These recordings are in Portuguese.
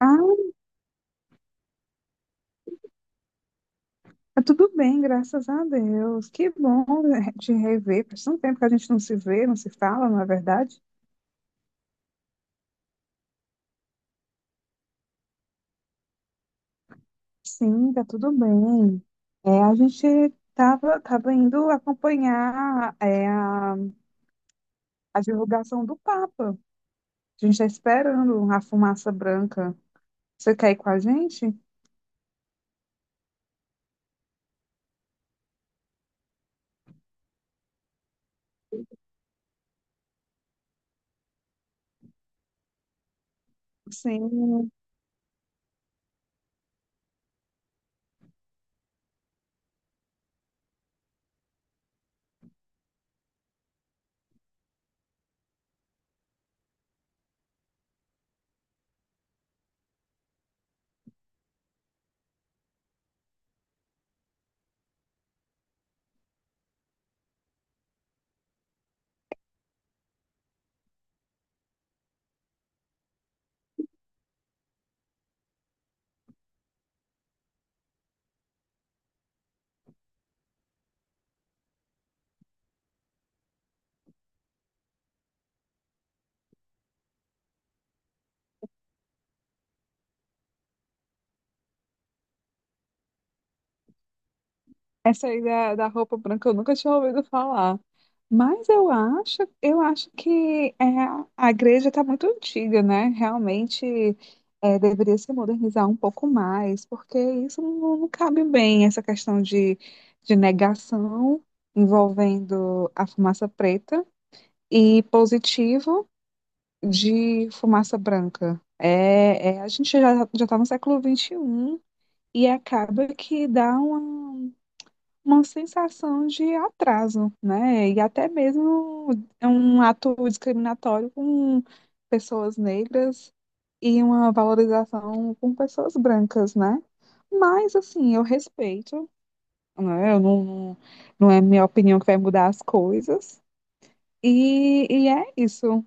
Ah, tá tudo bem, graças a Deus. Que bom né, te rever. Faz tanto tempo que a gente não se vê, não se fala, não é verdade? Sim, tá tudo bem. A gente tava indo acompanhar a divulgação do Papa. A gente está esperando a fumaça branca. Você quer ir com a gente? Sim. Essa aí da roupa branca eu nunca tinha ouvido falar. Mas eu acho que a igreja está muito antiga, né? Realmente deveria se modernizar um pouco mais, porque não cabe bem, essa questão de negação envolvendo a fumaça preta e positivo de fumaça branca. A gente já já está no século XXI e um e acaba que dá uma sensação de atraso, né? E até mesmo é um ato discriminatório com pessoas negras e uma valorização com pessoas brancas, né? Mas, assim, eu respeito, né? Eu não, não, não é minha opinião que vai mudar as coisas. E é isso. O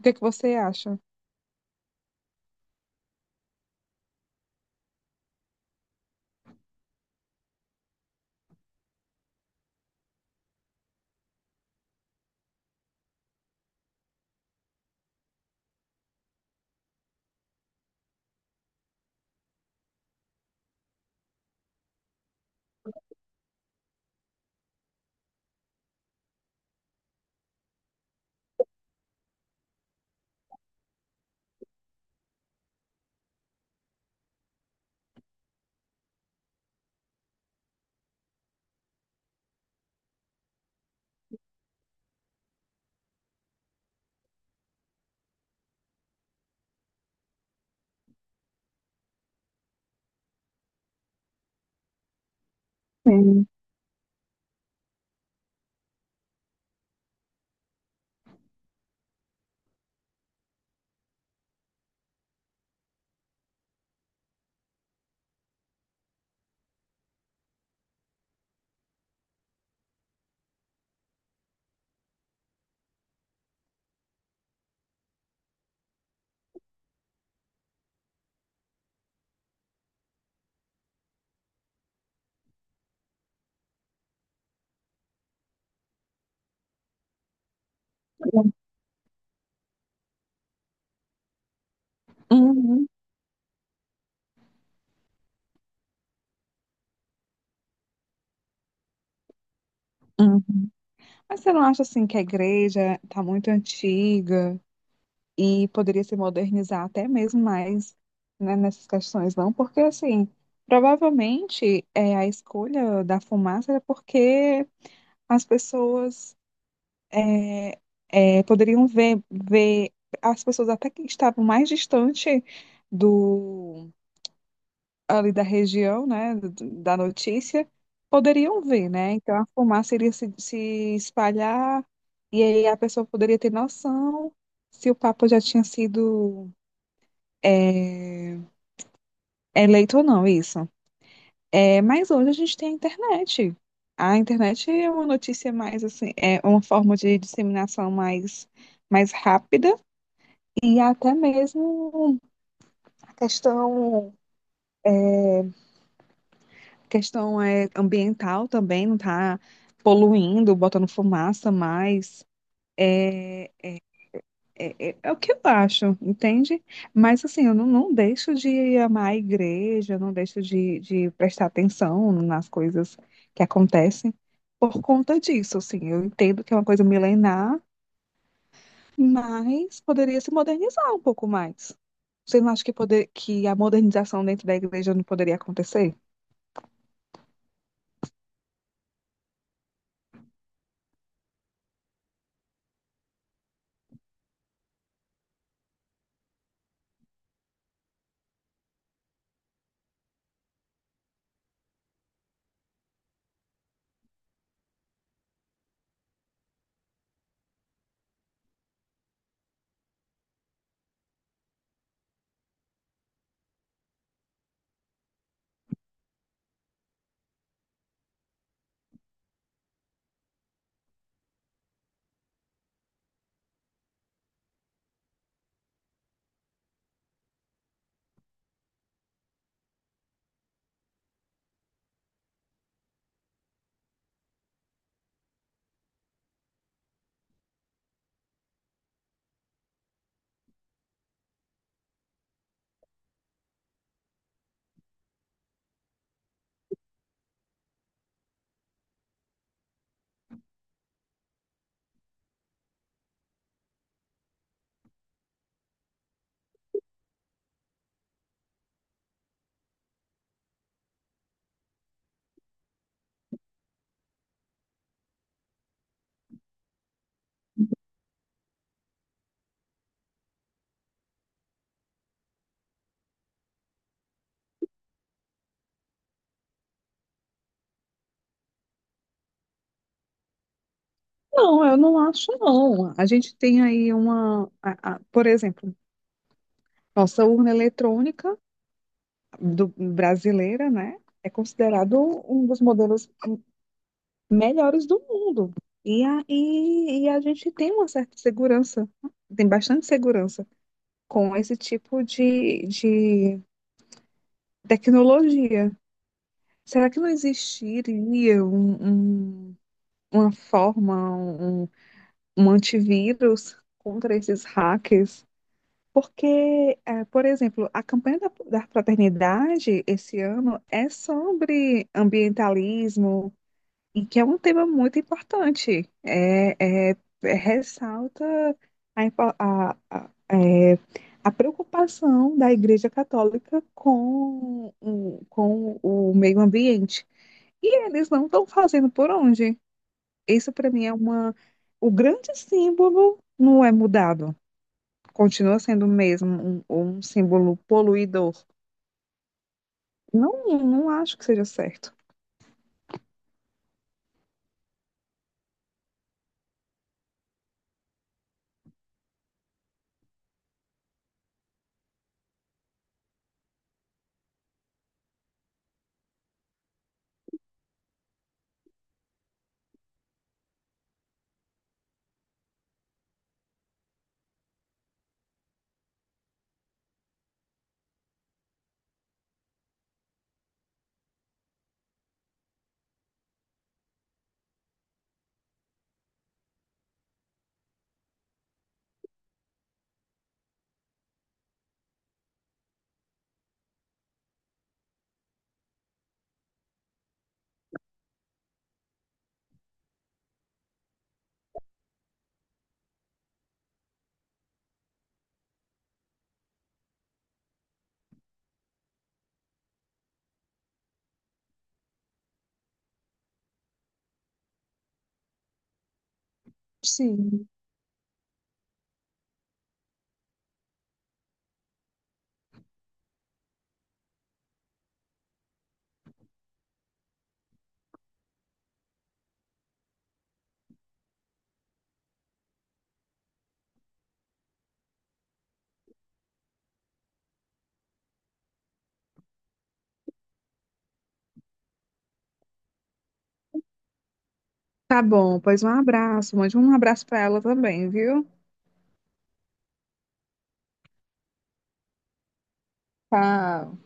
que é que você acha? Sim. Uhum, uhum. Mas você não acha, assim, que a igreja tá muito antiga? E poderia se modernizar até mesmo mais, né, nessas questões, não? Porque, assim, provavelmente a escolha da fumaça era porque as pessoas é, poderiam ver as pessoas até que estavam mais distante do, ali da região, né, da notícia, poderiam ver, né? Então a fumaça iria se espalhar e aí a pessoa poderia ter noção se o papo já tinha sido é, É leito ou não, isso. É, mas hoje a gente tem a internet. A internet é uma notícia mais assim, é uma forma de disseminação mais rápida e até mesmo a questão é ambiental também, não está poluindo, botando fumaça mais. É, é o que eu acho, entende? Mas assim, eu não, não deixo de amar a igreja, eu não deixo de prestar atenção nas coisas que acontecem por conta disso, assim. Eu entendo que é uma coisa milenar, mas poderia se modernizar um pouco mais. Você não acha que a modernização dentro da igreja não poderia acontecer? Não, eu não acho, não. A gente tem aí, por exemplo, nossa urna eletrônica brasileira, né? É considerado um dos modelos melhores do mundo. E a gente tem uma certa segurança, tem bastante segurança com esse tipo de tecnologia. Será que não existiria uma forma, um antivírus contra esses hackers? Porque, por exemplo, a campanha da fraternidade esse ano é sobre ambientalismo, e que é um tema muito importante. É- ressalta a, impo- a, é, a preocupação da Igreja Católica com o meio ambiente. E eles não estão fazendo por onde. Isso, para mim, é o grande símbolo não é mudado, continua sendo mesmo um símbolo poluidor. Não acho que seja certo. Sim. Tá bom, pois um abraço. Mande um abraço para ela também, viu? Tá.